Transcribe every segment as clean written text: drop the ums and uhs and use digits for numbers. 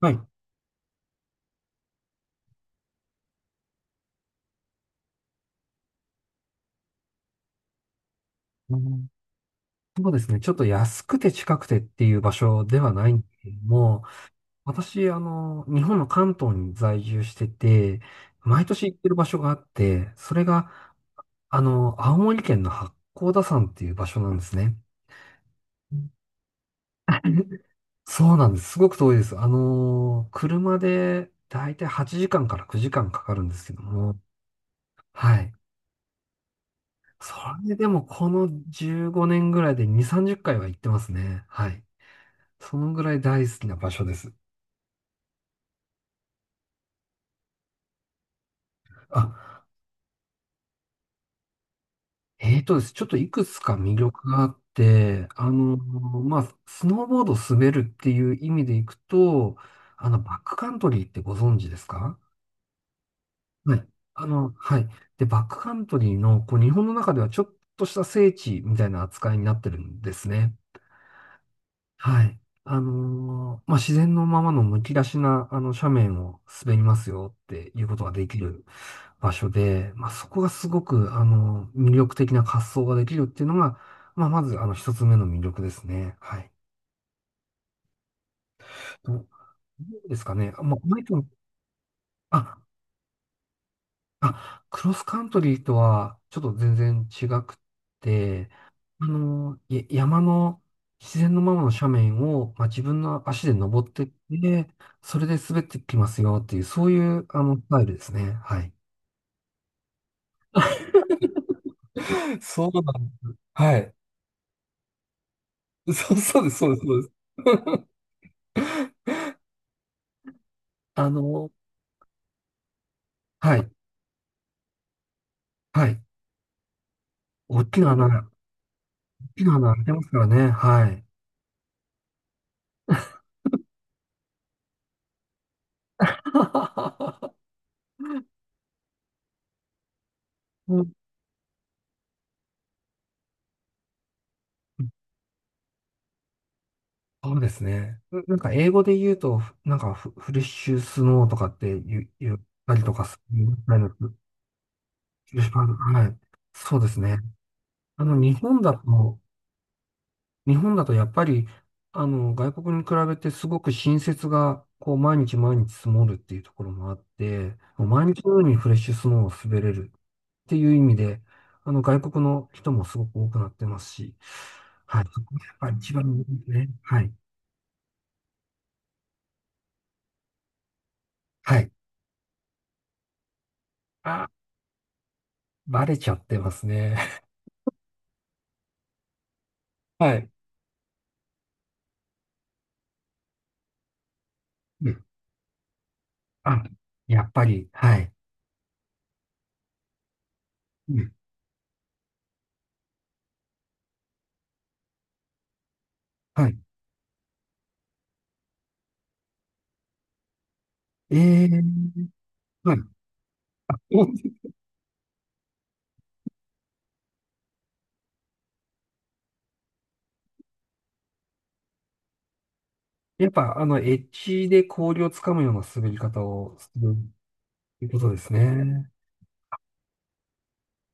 はい。うん、そうですね。ちょっと安くて近くてっていう場所ではないんですけども、私、日本の関東に在住してて、毎年行ってる場所があって、それが、青森県の八甲田山っていう場所なんですね。うん。 そうなんです。すごく遠いです。車でだいたい8時間かんから9時間かかるんですけども、はい。それでもこの15年ぐらいで2、30回は行ってますね。はい。そのぐらい大好きな場所です。あ、えーとですね、ちょっといくつか魅力があって、まあ、スノーボード滑るっていう意味でいくと、バックカントリーってご存知ですか？はい。はい。で、バックカントリーの、こう、日本の中ではちょっとした聖地みたいな扱いになってるんですね。はい。まあ、自然のままのむき出しな、斜面を滑りますよっていうことができる場所で、まあ、そこがすごく、魅力的な滑走ができるっていうのが、まあ、まず、一つ目の魅力ですね。はい。どどうですかね。あ、まあ、マイクの。あ、あ、クロスカントリーとは、ちょっと全然違くって、山の、自然のままの斜面を、まあ、自分の足で登ってって、それで滑ってきますよっていう、そういう、スタイルですね。はい。そうなん、はい。そう、そうです、そうです、そうです。あの、はい。はい。大きな穴、大きな穴開いてますからね。はい。うん、そうですね。なんか英語で言うと、なんかフレッシュスノーとかって言ったりとかするみたいな、フレッシュパウダー。はい。そうですね。あの、日本だと、日本だとやっぱり、外国に比べてすごく新雪が、こう、毎日毎日積もるっていうところもあって、もう毎日のようにフレッシュスノーを滑れるっていう意味で、外国の人もすごく多くなってますし、はい、そこがやっぱり一番いいですね。はい。はい。あ、バレちゃってますね。はい。うん。あ、やっぱり。はい。うん。はい。えー、はい。あ やっぱ、エッジで氷をつかむような滑り方をするということですね。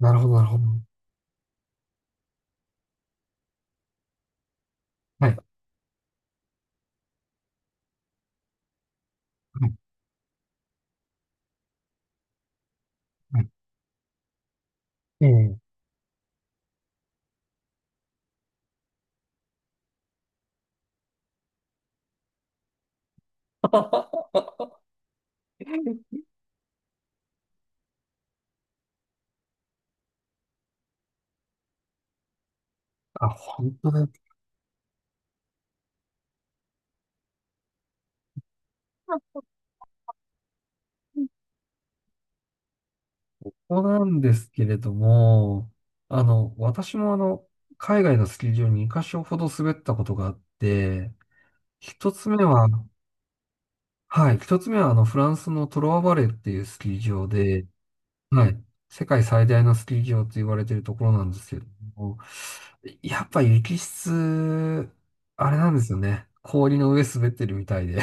なるほど、なるほど。はい。はい。はい。ええ。あ、本当だ。ここなんですけれども、私も海外のスキー場に2箇所ほど滑ったことがあって、一つ目は、はい、一つ目はフランスのトロワバレーっていうスキー場で、はい、世界最大のスキー場と言われているところなんですけれども、やっぱ雪質、あれなんですよね。氷の上滑ってるみたいで。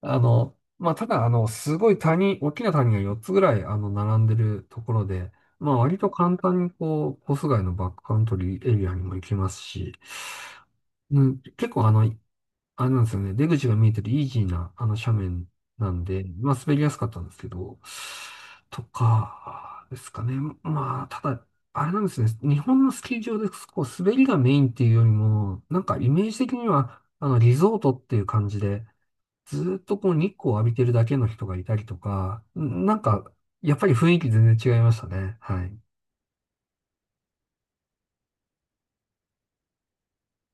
まあ、ただ、すごい谷、大きな谷が4つぐらい、並んでるところで、まあ、割と簡単に、こう、コース外のバックカントリーエリアにも行きますし、うん、結構、あれなんですよね、出口が見えてるイージーな、斜面なんで、まあ、滑りやすかったんですけど、とか、ですかね。まあ、ただ、あれなんですね、日本のスキー場で、こう、滑りがメインっていうよりも、なんか、イメージ的には、リゾートっていう感じで、ずーっとこう日光を浴びてるだけの人がいたりとか、なんか、やっぱり雰囲気全然違いましたね。はい。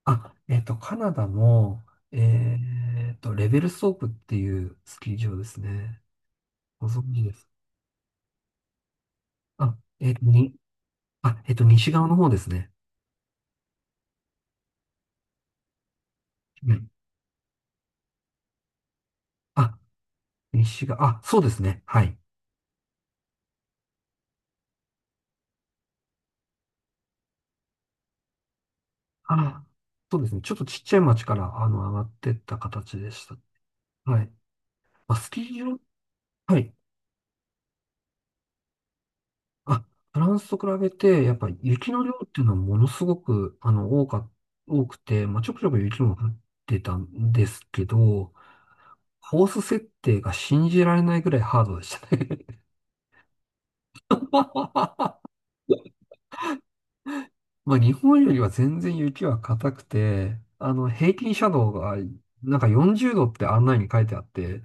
あ、カナダも、レベルストープっていうスキー場ですね。ご存知です。あ、あ、西側の方ですね。はい。あ、西側、あ、そうですね。はい。あ、そうですね。ちょっとちっちゃい町から、上がってった形でした。はい。まあ、スキー場、はい。あ、フランスと比べて、やっぱ雪の量っていうのはものすごく、多くて、まあ、ちょくちょく雪も降ってたんですけど、コース設定が信じられないぐらいハードでしたね。まあ、日本よりは全然雪は硬くて、平均斜度が、なんか40度って案内に書いてあって、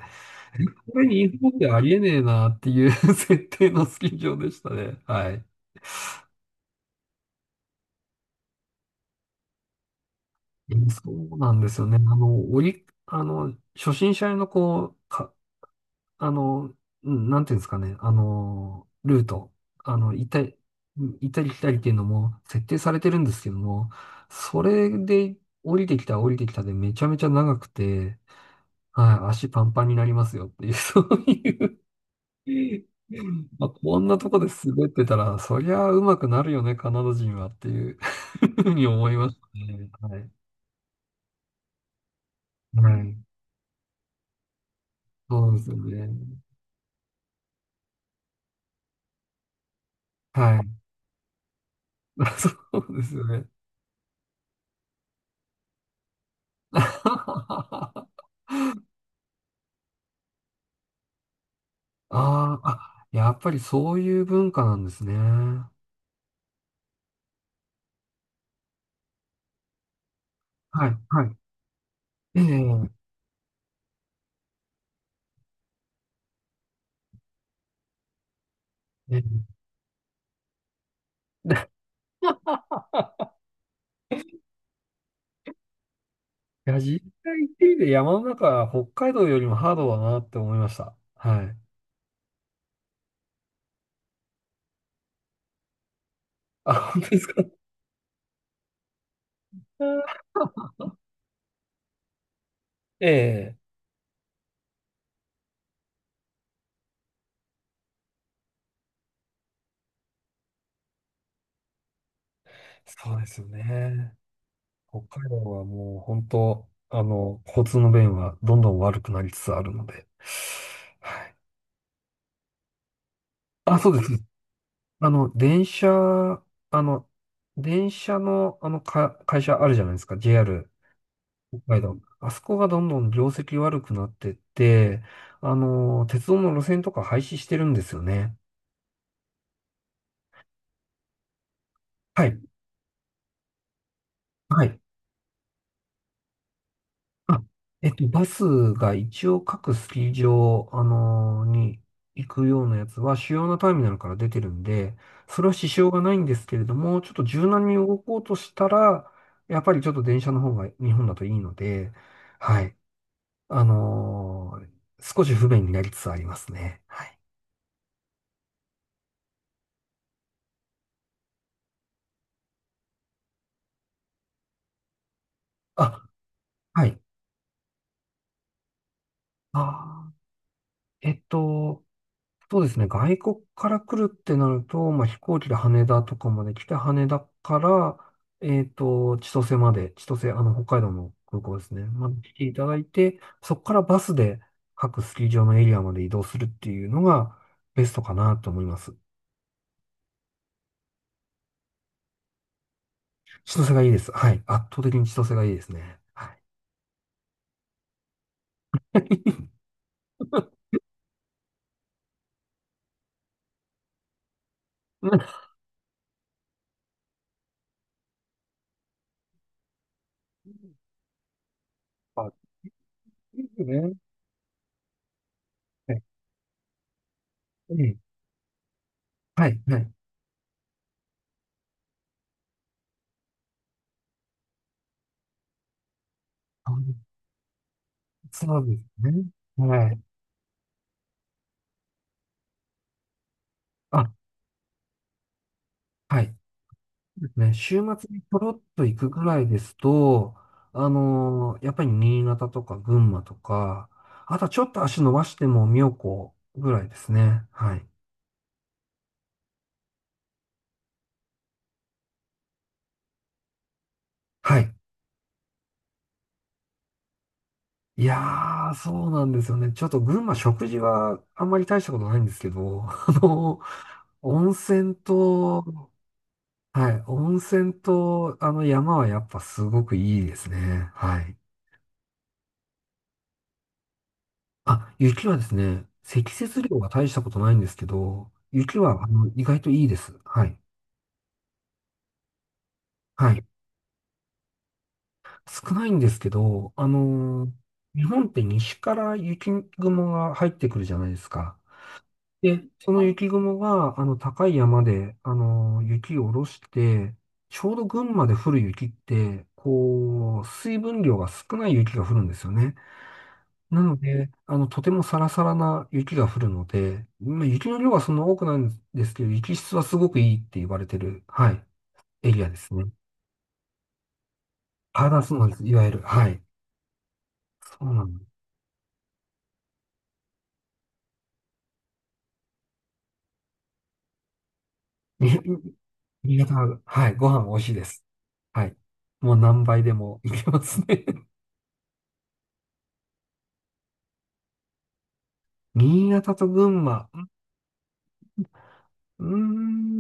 これ日本でありえねえなっていう 設定のスキー場でしたね。はい。そうなんですよね。初心者用のこう、あの、うんなんていうんですかね、ルート、あの、行ったり、行ったり来たりっていうのも設定されてるんですけども、それで降りてきたでめちゃめちゃ長くて、はい、足パンパンになりますよっていう、そういうまあ、こんなとこで滑ってたら、そりゃ上手くなるよね、カナダ人はっていう ふうに思いましたね。はい。はい。そうですよね。はい。そうですよね。あーあ、やっぱりそういう文化なんですね。はい、はい。ええ、ええ。いや、実際行ってみて山の中は北海道よりもハードだなって思いました。はい。あ、本当ですか？ええ、そうですよね。北海道はもう本当、交通の便はどんどん悪くなりつつあるので。はい。あ、そうです。あの、電車、あの、電車の、会社あるじゃないですか、JR 北海道。あそこがどんどん業績悪くなってって、鉄道の路線とか廃止してるんですよね。はい。はい。あ、バスが一応各スキー場、に行くようなやつは主要なターミナルから出てるんで、それは支障がないんですけれども、ちょっと柔軟に動こうとしたら、やっぱりちょっと電車の方が日本だといいので、はい。あのー少し不便になりつつありますね。はい。あ、はい。あー、えっと、そうですね。外国から来るってなると、まあ、飛行機で羽田とかまで来て、羽田から、千歳まで、千歳、北海道の空港ですね。まで来ていただいて、そこからバスで各スキー場のエリアまで移動するっていうのがベストかなと思います。千歳がいいです。はい。圧倒的に千歳がいいですね。はい。いいですね。ええ、はい、はい。あ、そうですね。はい。あ、はい。そうですね。週末にちょろっと行くぐらいですと、やっぱり新潟とか群馬とか、あとはちょっと足伸ばしても妙高ぐらいですね。はい。はい。いやー、そうなんですよね。ちょっと群馬食事はあんまり大したことないんですけど、あの温泉と、はい、温泉と、あの山はやっぱすごくいいですね。はい。あ、雪はですね、積雪量は大したことないんですけど、雪は意外といいです。はい。はい。少ないんですけど、日本って西から雪雲が入ってくるじゃないですか。で、その雪雲が、高い山で、雪を下ろして、ちょうど群馬で降る雪って、こう、水分量が少ない雪が降るんですよね。なので、とてもサラサラな雪が降るので、まあ、雪の量はそんな多くないんですけど、雪質はすごくいいって言われてる、はい、エリアですね。ああ、そうなんです。いわゆる、はい。そうなんです。新潟は、はい、ご飯美味しいです。はい。もう何倍でもいけますね。新潟と群馬。うー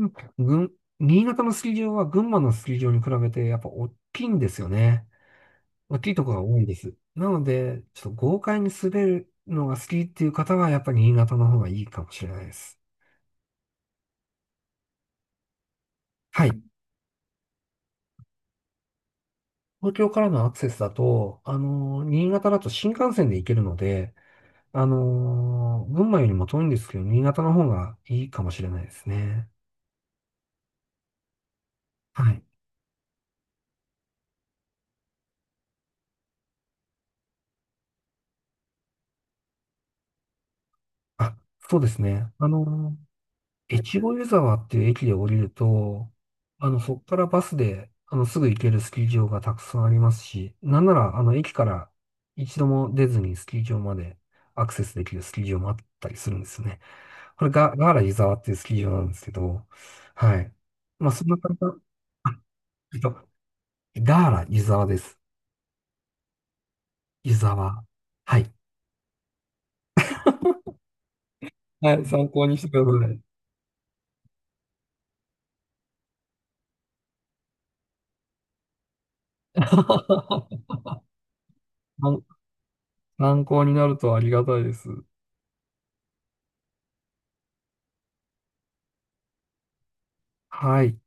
ん、新潟のスキー場は群馬のスキー場に比べてやっぱ大きいんですよね。大きいところが多いです。なので、ちょっと豪快に滑るのが好きっていう方は、やっぱり新潟の方がいいかもしれないです。はい。東京からのアクセスだと、新潟だと新幹線で行けるので、群馬よりも遠いんですけど、新潟の方がいいかもしれないですね。はい。あ、そうですね。越後湯沢っていう駅で降りると、そこからバスで、すぐ行けるスキー場がたくさんありますし、なんなら、駅から一度も出ずにスキー場までアクセスできるスキー場もあったりするんですよね。これが、ガーラ湯沢っていうスキー場なんですけど、はい。まあ、そんな簡単。あ、えっと、ガーラ湯沢です。湯沢。はい。はい、参考にしてください。参参考になるとありがたいです。はい。